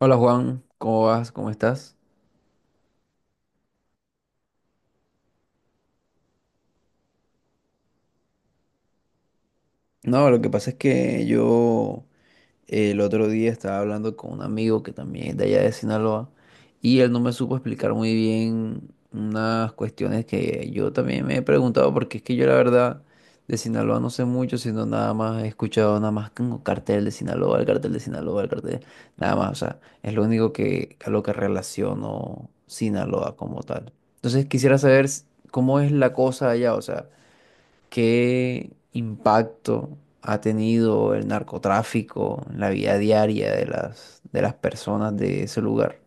Hola Juan, ¿cómo vas? ¿Cómo estás? No, lo que pasa es que yo el otro día estaba hablando con un amigo que también es de allá de Sinaloa, y él no me supo explicar muy bien unas cuestiones que yo también me he preguntado, porque es que yo, la verdad, de Sinaloa no sé mucho, sino nada más he escuchado, nada más como cartel de Sinaloa, el cartel de Sinaloa, el cartel, nada más. O sea, es lo único que a lo que relaciono Sinaloa como tal. Entonces quisiera saber cómo es la cosa allá, o sea. ¿Qué impacto ha tenido el narcotráfico en la vida diaria de las personas de ese lugar?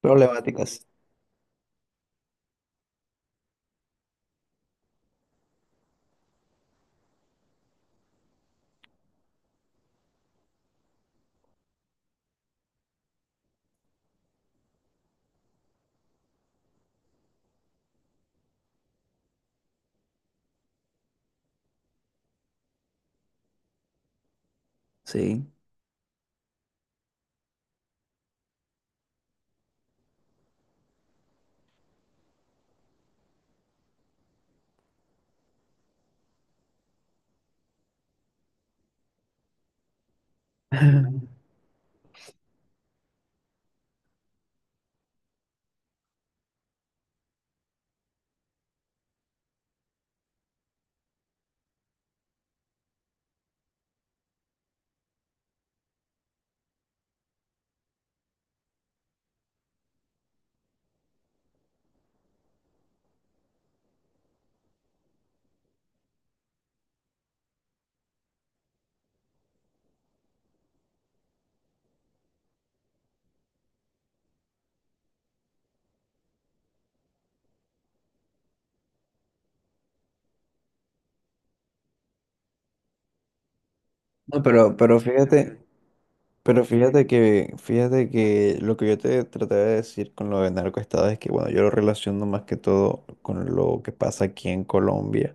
Problemáticas. Sí. No, pero fíjate, fíjate que lo que yo te traté de decir con lo de narcoestado es que, bueno, yo lo relaciono más que todo con lo que pasa aquí en Colombia,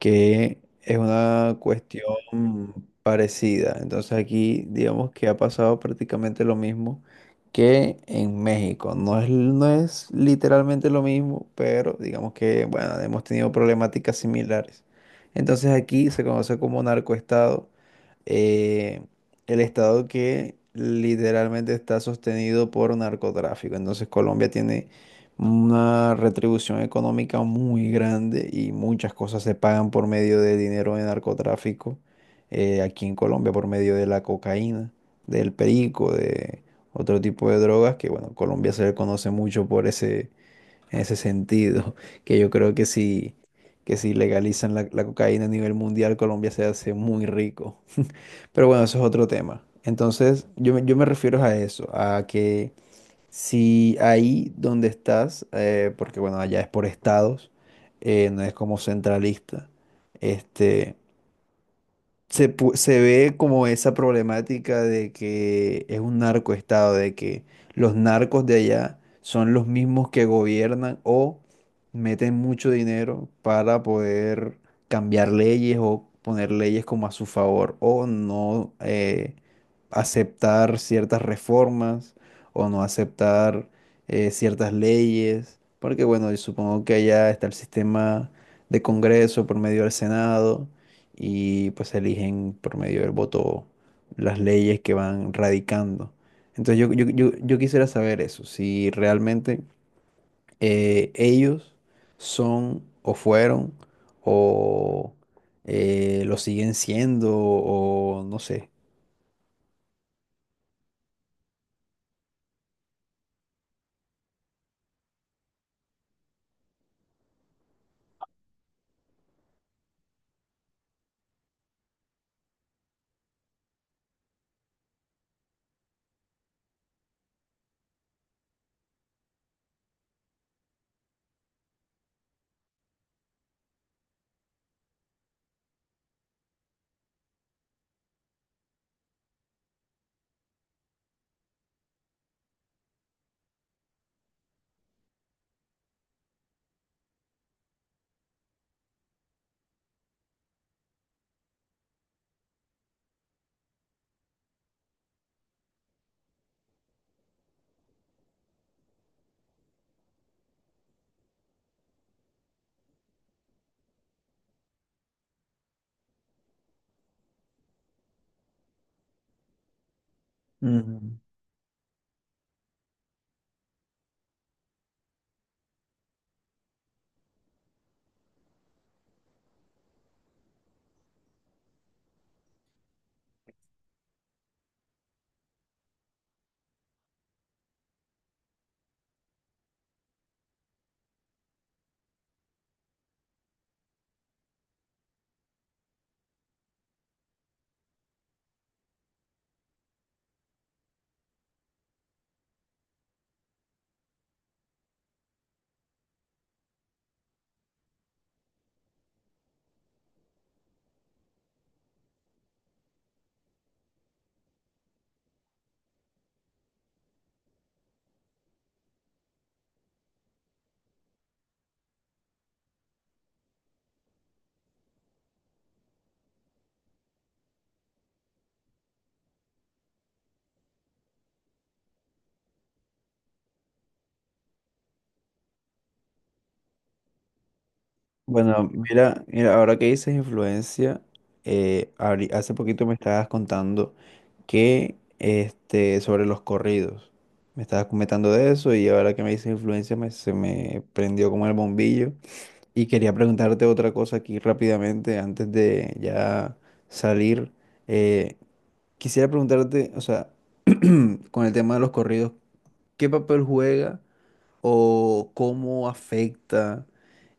que es una cuestión parecida. Entonces aquí digamos que ha pasado prácticamente lo mismo que en México. No es literalmente lo mismo, pero digamos que, bueno, hemos tenido problemáticas similares. Entonces aquí se conoce como narcoestado, eh, el estado que literalmente está sostenido por narcotráfico. Entonces Colombia tiene una retribución económica muy grande y muchas cosas se pagan por medio de dinero de narcotráfico, aquí en Colombia, por medio de la cocaína, del perico, de otro tipo de drogas que, bueno, Colombia se le conoce mucho por ese, en ese sentido, que yo creo que si legalizan la cocaína a nivel mundial, Colombia se hace muy rico. Pero bueno, eso es otro tema. Entonces, yo, yo me refiero a eso, a que si ahí donde estás, porque bueno, allá es por estados, no es como centralista, este, se ve como esa problemática de que es un narcoestado, de que los narcos de allá son los mismos que gobiernan o meten mucho dinero para poder cambiar leyes o poner leyes como a su favor, o no, aceptar ciertas reformas o no aceptar ciertas leyes, porque bueno, yo supongo que allá está el sistema de Congreso por medio del Senado y pues eligen por medio del voto las leyes que van radicando. Entonces yo quisiera saber eso, si realmente ellos son o fueron o lo siguen siendo o no sé. Mm, Bueno, mira, mira, ahora que dices influencia, hace poquito me estabas contando que este, sobre los corridos. Me estabas comentando de eso y ahora que me dices influencia se me prendió como el bombillo. Y quería preguntarte otra cosa aquí rápidamente antes de ya salir. Eh, Quisiera preguntarte, o sea, con el tema de los corridos, ¿qué papel juega o cómo afecta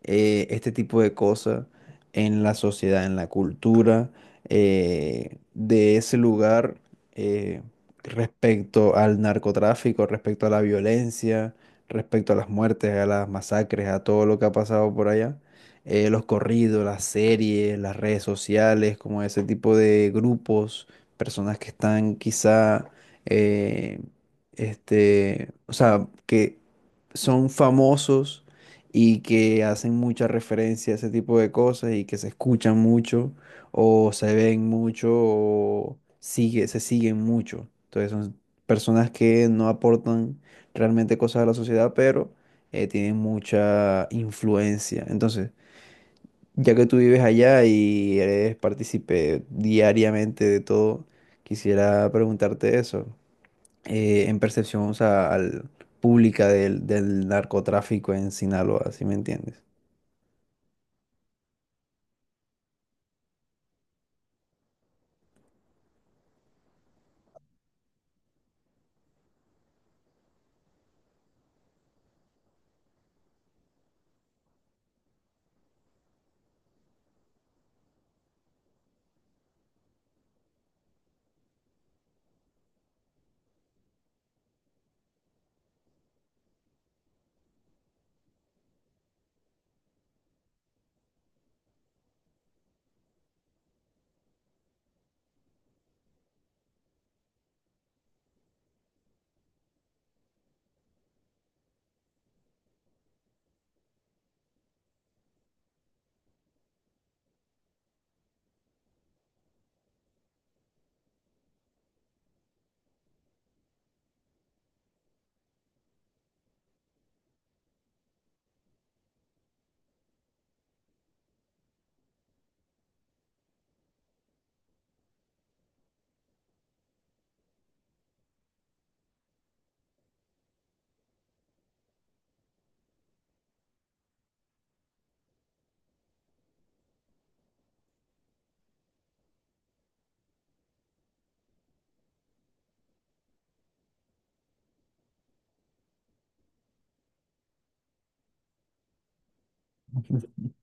este tipo de cosas en la sociedad, en la cultura de ese lugar eh, respecto al narcotráfico, respecto a la violencia, respecto a las muertes, a las masacres, a todo lo que ha pasado por allá? Los corridos, las series, las redes sociales, como ese tipo de grupos, personas que están quizá, eh, este, o sea, que son famosos y que hacen mucha referencia a ese tipo de cosas y que se escuchan mucho o se ven mucho se siguen mucho. Entonces son personas que no aportan realmente cosas a la sociedad, pero tienen mucha influencia. Entonces, ya que tú vives allá y eres partícipe diariamente de todo, quisiera preguntarte eso en percepción, o sea, al, pública del narcotráfico en Sinaloa, ¿sí me entiendes?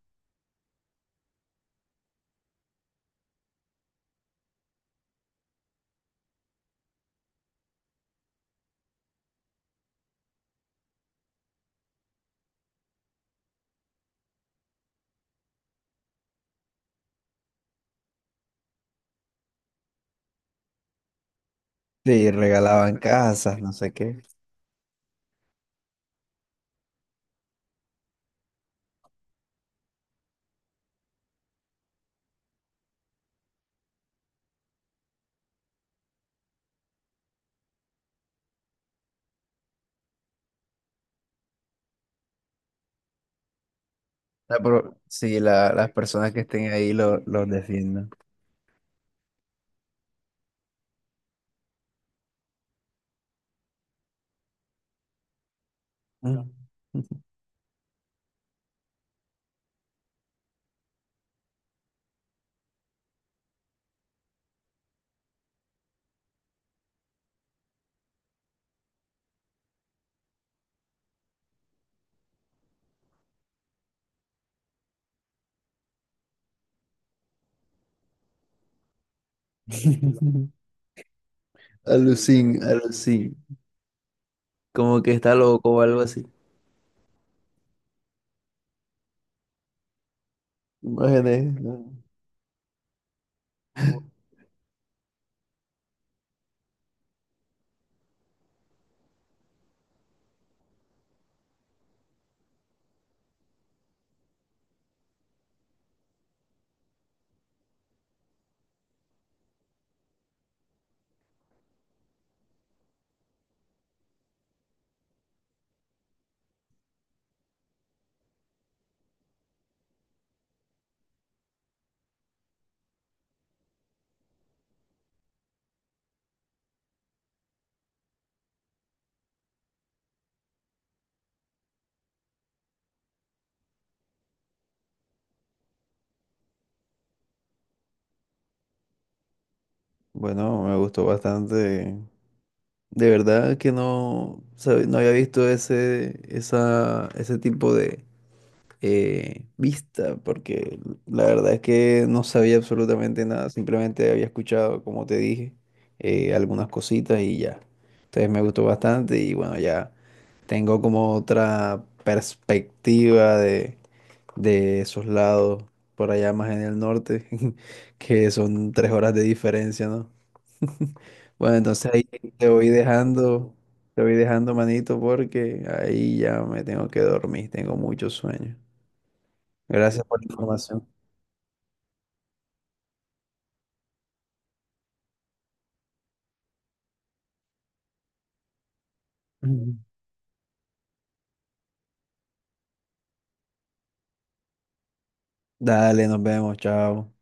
Le regalaban casas, no sé qué. Ah, pero sí, las personas que estén ahí los defiendan. Mm. Alucín, alucín. Como que está loco o algo así. Imágenes. ¿No? Bueno, me gustó bastante. De verdad que no, no había visto ese, esa, ese tipo de, vista, porque la verdad es que no sabía absolutamente nada, simplemente había escuchado, como te dije, algunas cositas y ya. Entonces me gustó bastante y bueno, ya tengo como otra perspectiva de esos lados por allá más en el norte, que son 3 horas de diferencia, ¿no? Bueno, entonces ahí te voy dejando, te voy dejando manito, porque ahí ya me tengo que dormir, tengo mucho sueño. Gracias por la información. Ujú. Dale, nos vemos, chao.